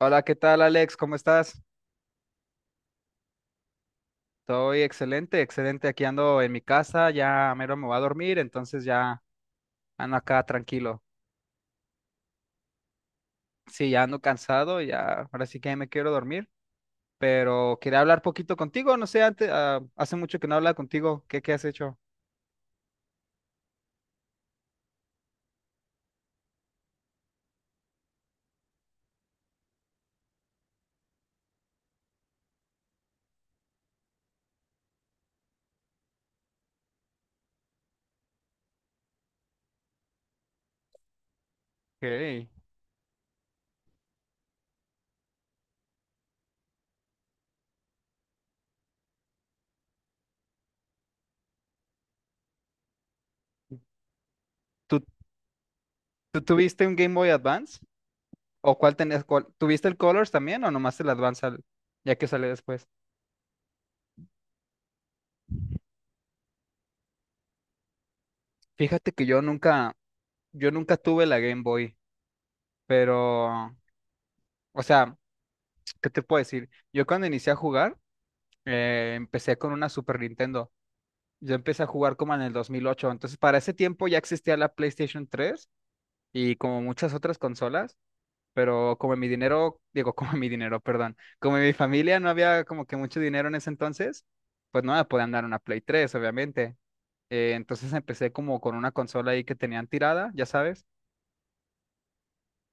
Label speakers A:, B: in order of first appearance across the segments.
A: Hola, ¿qué tal, Alex? ¿Cómo estás? Estoy excelente, excelente. Aquí ando en mi casa, ya mero me voy a dormir, entonces ya ando acá tranquilo. Sí, ya ando cansado, ya ahora sí que ya me quiero dormir, pero quería hablar poquito contigo, no sé, antes, hace mucho que no hablaba contigo, ¿qué has hecho? Okay. ¿Tú, tú tuviste un Game Boy Advance? ¿O cuál tenías? ¿Tuviste el Colors también o nomás el Advance ya que sale después? Fíjate que yo nunca tuve la Game Boy, pero, o sea... ¿Qué te puedo decir? Yo cuando inicié a jugar, empecé con una Super Nintendo. Yo empecé a jugar como en el 2008. Entonces, para ese tiempo ya existía la PlayStation 3 y como muchas otras consolas, pero como mi dinero, digo, como mi dinero, perdón, como mi familia no había como que mucho dinero en ese entonces, pues no me podían dar una Play tres, obviamente. Entonces empecé como con una consola ahí que tenían tirada, ya sabes.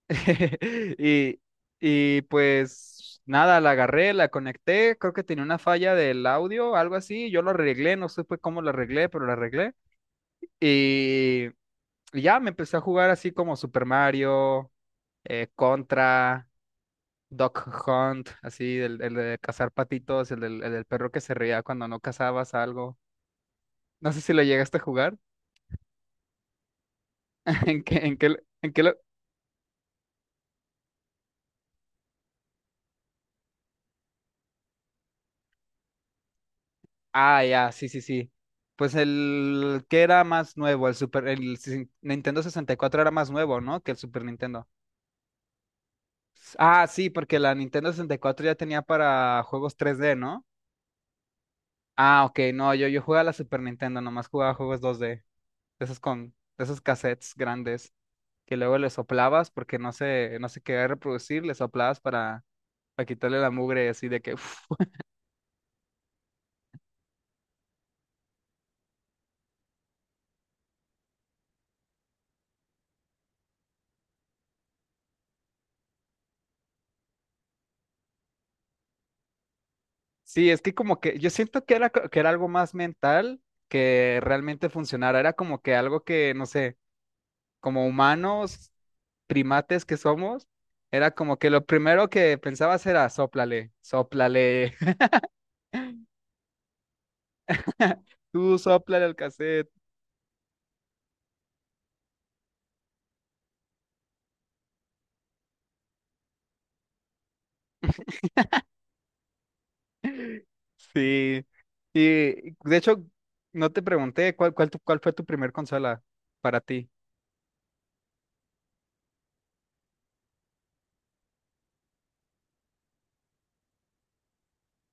A: Y, y pues nada, la agarré, la conecté, creo que tenía una falla del audio, algo así, yo lo arreglé, no supe cómo lo arreglé, pero lo arreglé. Y, y ya me empecé a jugar así como Super Mario, Contra, Duck Hunt, así, el de cazar patitos, el del perro que se reía cuando no cazabas algo. No sé si lo llegaste a jugar. ¿En qué, en qué, en qué lo— Ah, ya, sí, sí, sí. Pues el que era más nuevo, el Super, el Nintendo 64 era más nuevo, ¿no? Que el Super Nintendo. Ah, sí, porque la Nintendo 64 ya tenía para juegos tres d, ¿no? Ah, ok, no, yo jugaba la Super Nintendo, nomás jugaba juegos dos d de esos con, de esos cassettes grandes, que luego le soplabas porque no se, no se quería reproducir, le soplabas para quitarle la mugre así de que... Sí, es que como que yo siento que era, que era algo más mental que realmente funcionara. Era como que algo que, no sé, como humanos, primates que somos, era como que lo primero que pensabas era sóplale, sóplale, tú sóplale al cassette. Sí. Y de hecho, no te pregunté cuál, cuál, cuál fue tu primer consola para ti.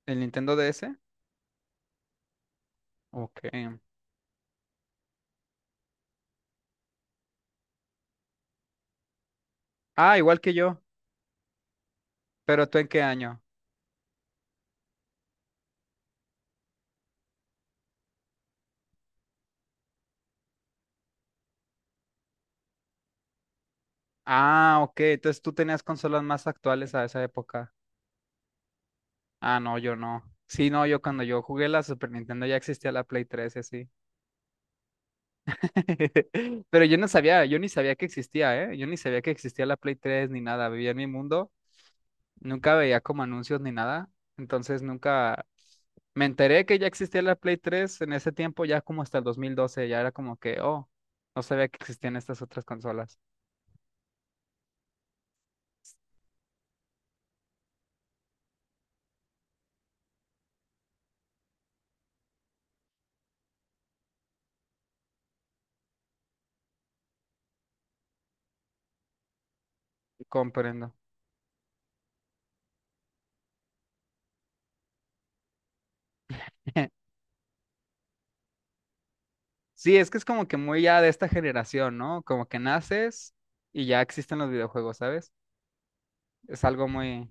A: ¿El Nintendo DS? Ok. Ah, igual que yo. ¿Pero tú en qué año? Ah, ok. Entonces tú tenías consolas más actuales a esa época. Ah, no, yo no. Sí, no, yo cuando yo jugué la Super Nintendo ya existía la Play 3 y así. Pero yo no sabía, yo ni sabía que existía, ¿eh? Yo ni sabía que existía la Play 3 ni nada. Vivía en mi mundo, nunca veía como anuncios ni nada. Entonces nunca me enteré que ya existía la Play 3 en ese tiempo, ya como hasta el 2012. Ya era como que, oh, no sabía que existían estas otras consolas. Comprendo. Sí, es que es como que muy ya de esta generación, ¿no? Como que naces y ya existen los videojuegos, ¿sabes? Es algo muy...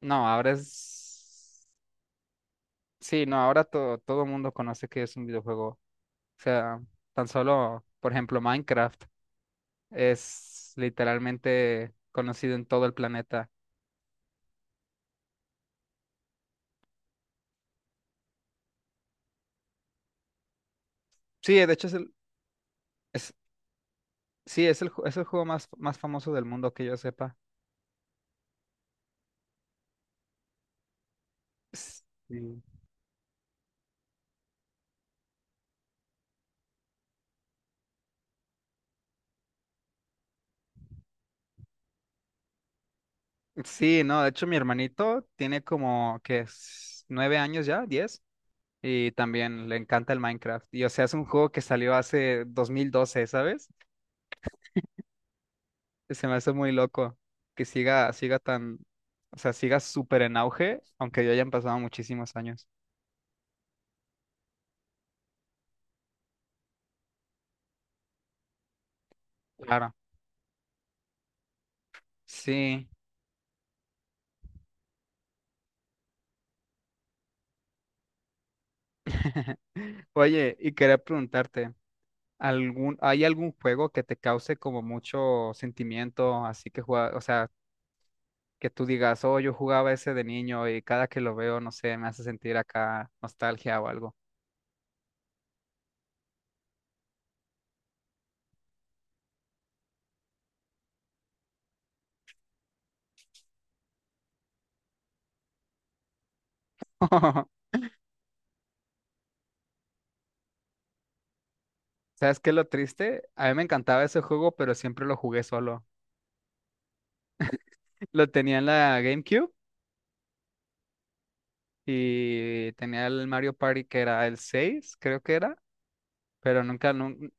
A: No, ahora es... Sí, no, ahora todo el mundo conoce que es un videojuego. O sea, tan solo, por ejemplo, Minecraft es literalmente conocido en todo el planeta. Sí, de hecho es el... Es... Sí, es el, es el juego más, más famoso del mundo que yo sepa. S- Sí. Sí, no, de hecho mi hermanito tiene como que es 9 años ya, diez. Y también le encanta el Minecraft. Y o sea, es un juego que salió hace 2012, ¿sabes? Se me hace muy loco que siga, siga tan, o sea, siga súper en auge, aunque ya hayan pasado muchísimos años. Claro. Sí. Oye, y quería preguntarte, hay algún juego que te cause como mucho sentimiento, así que juega, o sea, que tú digas, oh, yo jugaba ese de niño y cada que lo veo, no sé, me hace sentir acá nostalgia o algo? ¿Sabes qué es lo triste? A mí me encantaba ese juego, pero siempre lo jugué solo. Lo tenía en la GameCube y tenía el Mario Party que era el 6 creo que era, pero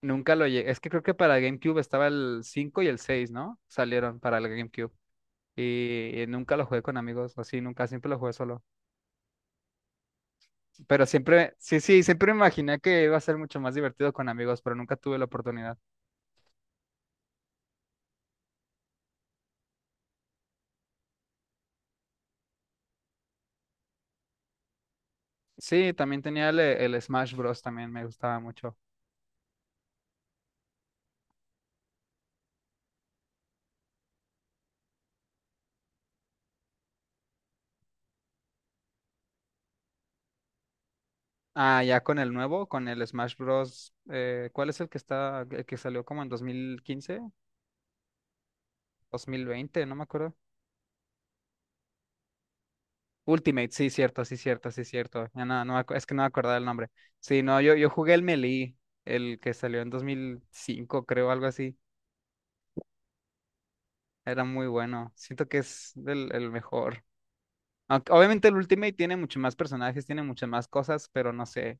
A: nunca lo llegué. Es que creo que para GameCube estaba el 5 y el 6, ¿no? Salieron para el GameCube. Y nunca lo jugué con amigos, así, nunca, siempre lo jugué solo. Pero siempre, sí, sí, siempre me imaginé que iba a ser mucho más divertido con amigos, pero nunca tuve la oportunidad. Sí, también tenía el Smash Bros. También me gustaba mucho. Ah, ya con el nuevo, con el Smash Bros. ¿Cuál es el que está, el que salió como en 2015, 2020, no me acuerdo? Ultimate, sí, cierto, sí, cierto, sí, cierto. Ya no, es que no me acordaba el nombre. Sí, no, yo jugué el Melee, el que salió en 2005, creo, algo así. Era muy bueno. Siento que es el mejor. Aunque, obviamente el Ultimate tiene mucho más personajes, tiene muchas más cosas, pero no sé,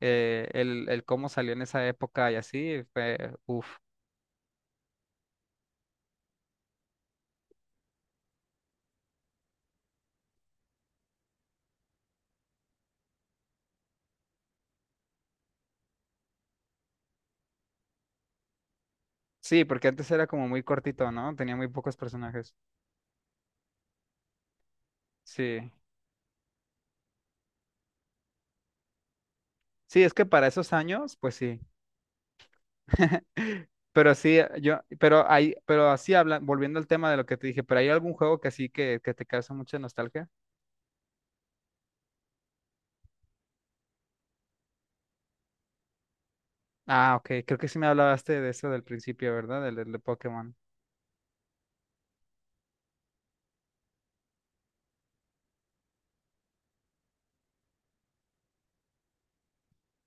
A: el cómo salió en esa época y así fue, uff. Sí, porque antes era como muy cortito, ¿no? Tenía muy pocos personajes. Sí. Sí, es que para esos años, pues sí. Pero sí, pero hay, pero así habla, volviendo al tema de lo que te dije, pero hay algún juego que así que te causa mucha nostalgia. Ah, ok, creo que sí me hablaste de eso del principio, ¿verdad? Del, del de Pokémon.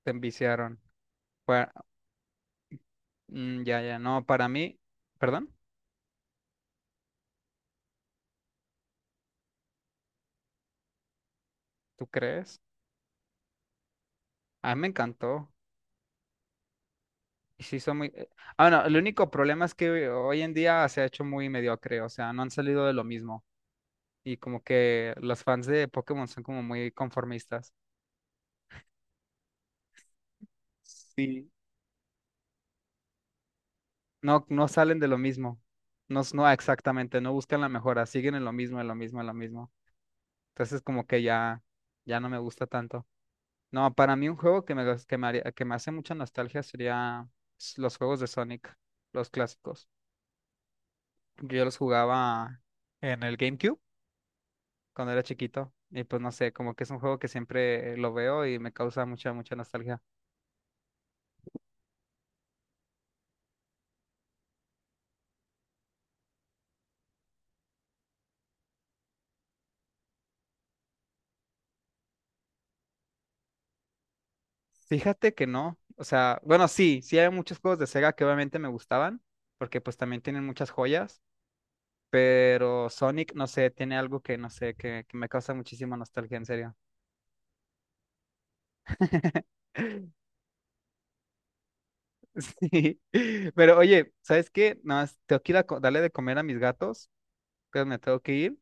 A: Te enviciaron. Fue- ya, no, para mí, perdón, ¿tú crees? A mí me encantó. Y sí, son muy. Ah, no, el único problema es que hoy en día se ha hecho muy mediocre, o sea, no han salido de lo mismo. Y como que los fans de Pokémon son como muy conformistas. Sí. No, no salen de lo mismo. No, no exactamente, no buscan la mejora, siguen en lo mismo, en lo mismo, en lo mismo. Entonces como que ya, ya no me gusta tanto. No, para mí un juego que me, gus- que me haría- que me hace mucha nostalgia sería los juegos de Sonic, los clásicos. Yo los jugaba en el GameCube cuando era chiquito. Y pues no sé, como que es un juego que siempre lo veo y me causa mucha, mucha nostalgia. Fíjate que no. O sea, bueno, sí, sí hay muchos juegos de Sega que obviamente me gustaban, porque pues también tienen muchas joyas, pero Sonic, no sé, tiene algo que, no sé, que me causa muchísima nostalgia, en serio. Sí, pero oye, ¿sabes qué? Nada más tengo que ir a darle de comer a mis gatos, que me tengo que ir,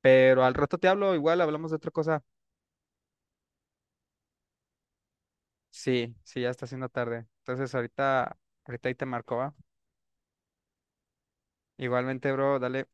A: pero al rato te hablo, igual hablamos de otra cosa. Sí, sí, ya está haciendo tarde. Entonces ahorita, ahorita ahí te marco, ¿va? Igualmente, bro, dale.